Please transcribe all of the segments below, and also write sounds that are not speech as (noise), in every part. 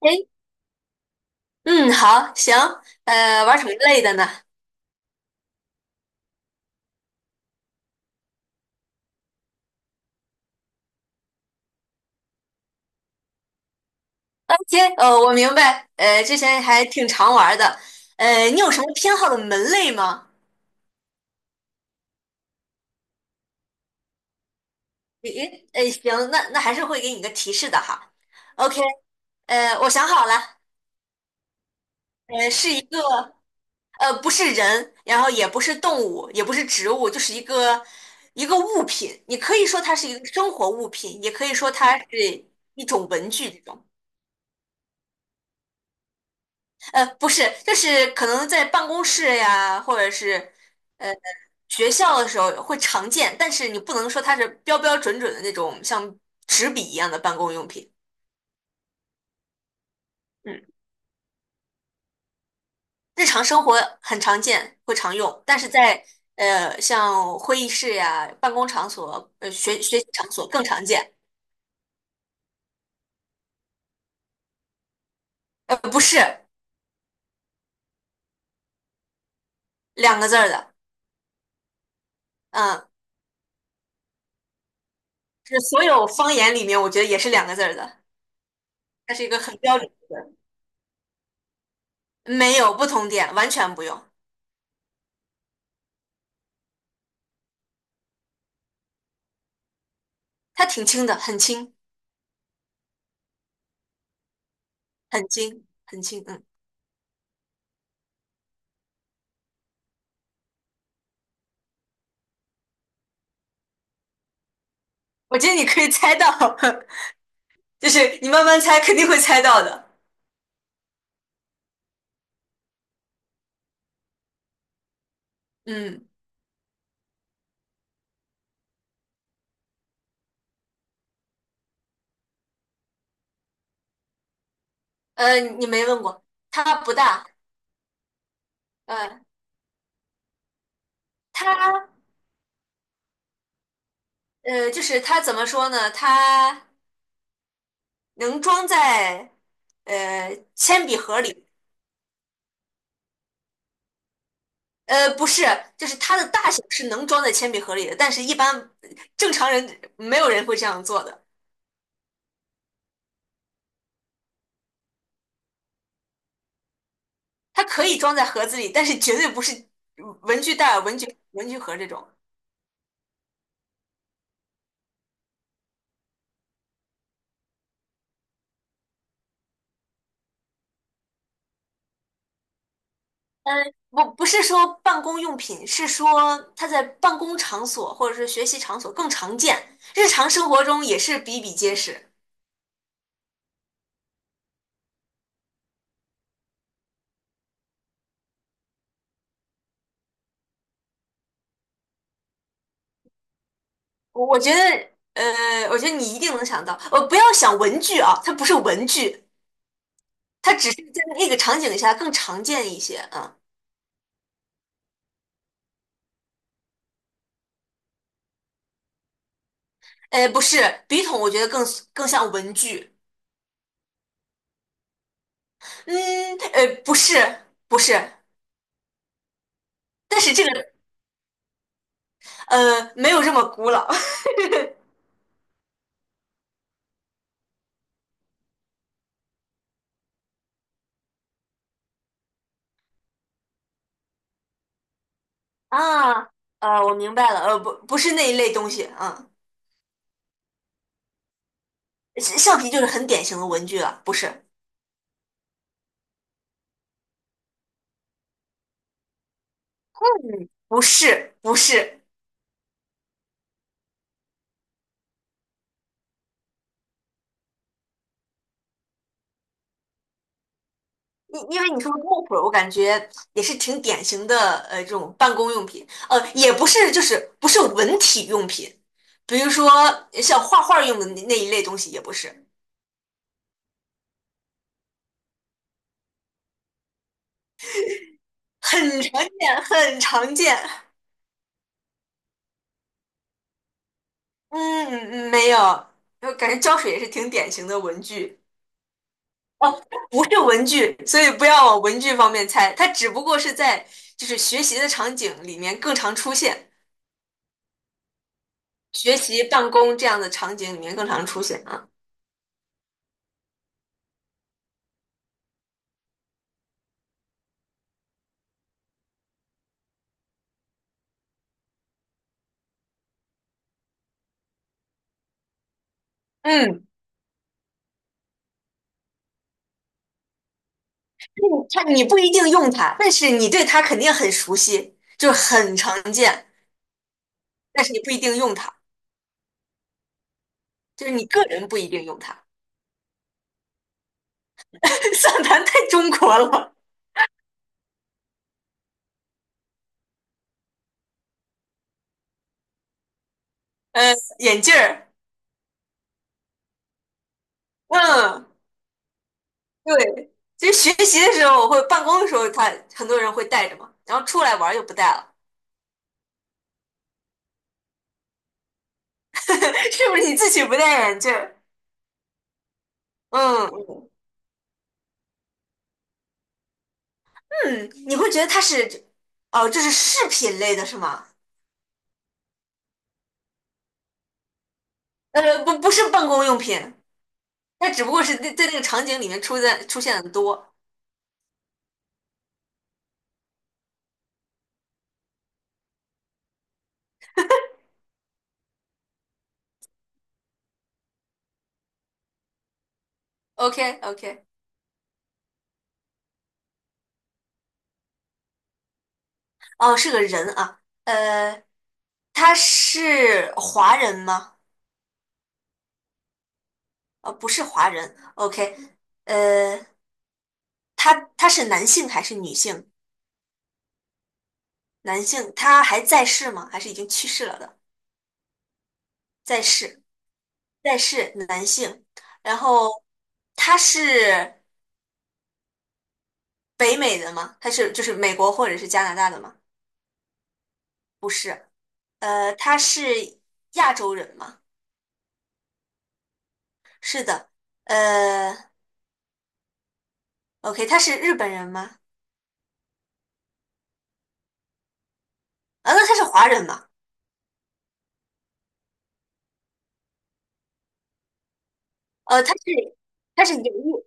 哎，嗯，好，行，玩什么类的呢？OK,我明白，之前还挺常玩的，你有什么偏好的门类吗？诶，诶，行，那还是会给你个提示的哈。OK,我想好了，是一个，不是人，然后也不是动物，也不是植物，就是一个物品。你可以说它是一个生活物品，也可以说它是一种文具这种。呃，不是，就是可能在办公室呀，或者是呃学校的时候会常见，但是你不能说它是标标准准的那种像纸笔一样的办公用品。嗯，日常生活很常见，会常用，但是在像会议室呀、办公场所、学习场所更常见。呃，不是两个字儿的，嗯，是所有方言里面，我觉得也是两个字儿的，它是一个很标准的。没有不同点，完全不用，它挺轻的，很轻。很轻，很轻，嗯我觉得你可以猜到，(laughs) 就是你慢慢猜，肯定会猜到的。嗯，你没问过，它不大，呃，它就是它怎么说呢？它能装在铅笔盒里，呃，不是，就是它的大小是能装在铅笔盒里的，但是一般正常人没有人会这样做的。它可以装在盒子里，但是绝对不是文具袋儿、文具盒这种。嗯，不是说办公用品，是说它在办公场所或者是学习场所更常见，日常生活中也是比比皆是。我觉得，我觉得你一定能想到。呃，不要想文具啊，它不是文具，它只是在那个场景下更常见一些。啊。呃，不是，笔筒我觉得更更像文具。嗯，呃，不是，不是，但是这个没有这么古老 (laughs) 啊。我明白了，呃，不是那一类东西。啊。橡皮就是很典型的文具了，不是？嗯，不是，不是，因为你说的水，水，我感觉也是挺典型的，呃，这种办公用品，呃，也不是，就是不是文体用品，比如说像画画用的那一类东西，也不是，很常见，很常见。嗯，嗯没有，我感觉胶水也是挺典型的文具，哦，不是文具，所以不要往文具方面猜，它只不过是在就是学习的场景里面更常出现。学习办公这样的场景里面更常出现啊。嗯，嗯它你不一定用它，但是你对它肯定很熟悉，就是很常见，但是你不一定用它，就是你个人不一定用它。(laughs) 算盘太中国了，呃，眼镜儿，嗯，对，其实学习的时候我会，办公的时候他很多人会戴着嘛，然后出来玩儿就不戴了，(laughs) 是不是你自己不戴眼镜儿？嗯嗯，你会觉得它是，哦，这是饰品类的是吗？呃，不，不是办公用品，它只不过是在那个场景里面出现的多。OK OK,哦，是个人啊，他是华人吗？呃，不是华人。OK,呃，他是男性还是女性？男性，他还在世吗？还是已经去世了的？在世，在世，男性。然后他是北美的吗？他是就是美国或者是加拿大的吗？不是，他是亚洲人吗？是的，呃，OK,他是日本人吗？啊，那他是华人吗？呃，他是演艺，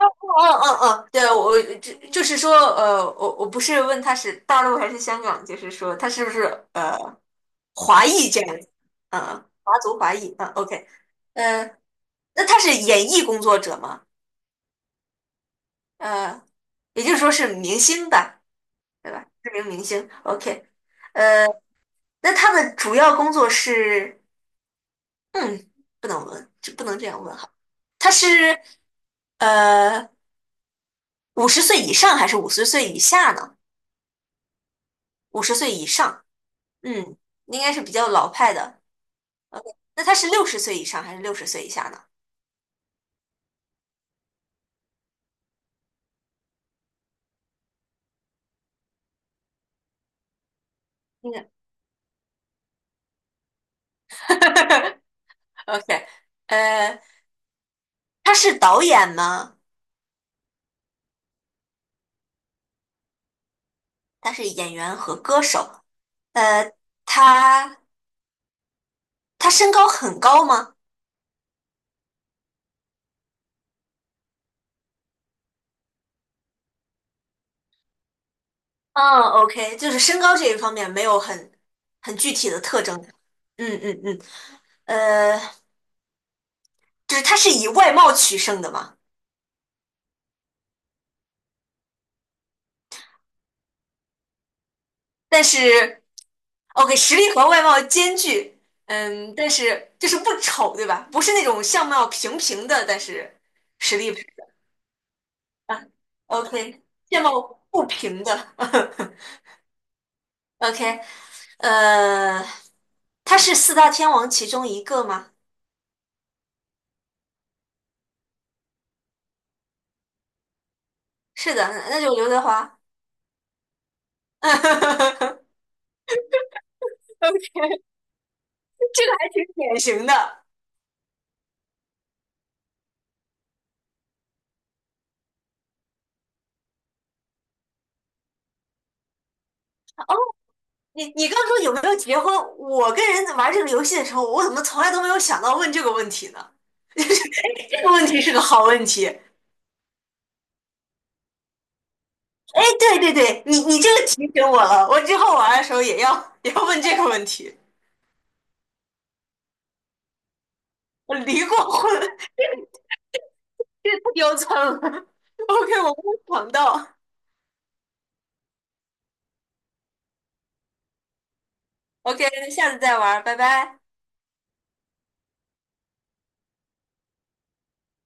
哦哦哦，对，就是说，呃，我不是问他是大陆还是香港，就是说他是不是呃华裔这样子，呃，华族华裔，啊，OK,呃，那他是演艺工作者吗？呃，也就是说是明星吧，对吧？知名明星，OK,呃，那他的主要工作是，嗯，不能问，这不能这样问。哈。他是呃五十岁以上还是五十岁以下呢？五十岁以上，嗯，应该是比较老派的。那他是六十岁以上还是六十岁以下呢？嗯 (laughs)，OK,呃，他是导演吗？他是演员和歌手。呃，他他身高很高吗？嗯，OK,就是身高这一方面没有很很具体的特征。嗯嗯嗯，呃，就是他是以外貌取胜的吗？但是，OK,实力和外貌兼具，嗯，但是就是不丑，对吧？不是那种相貌平平的，但是实力啊，OK,相貌不平的 (laughs)，OK,呃，他是四大天王其中一个吗？是的，那就刘德华。(laughs) OK,这个还挺典型的。你刚说有没有结婚？我跟人玩这个游戏的时候，我怎么从来都没有想到问这个问题呢？这个问题是个好问题。哎，对对对，你这个提醒我了，我之后玩的时候也要 (laughs) 也要问这个问题。我离过婚，这太丢惨了。OK,我没有想到。OK,下次再玩，拜拜。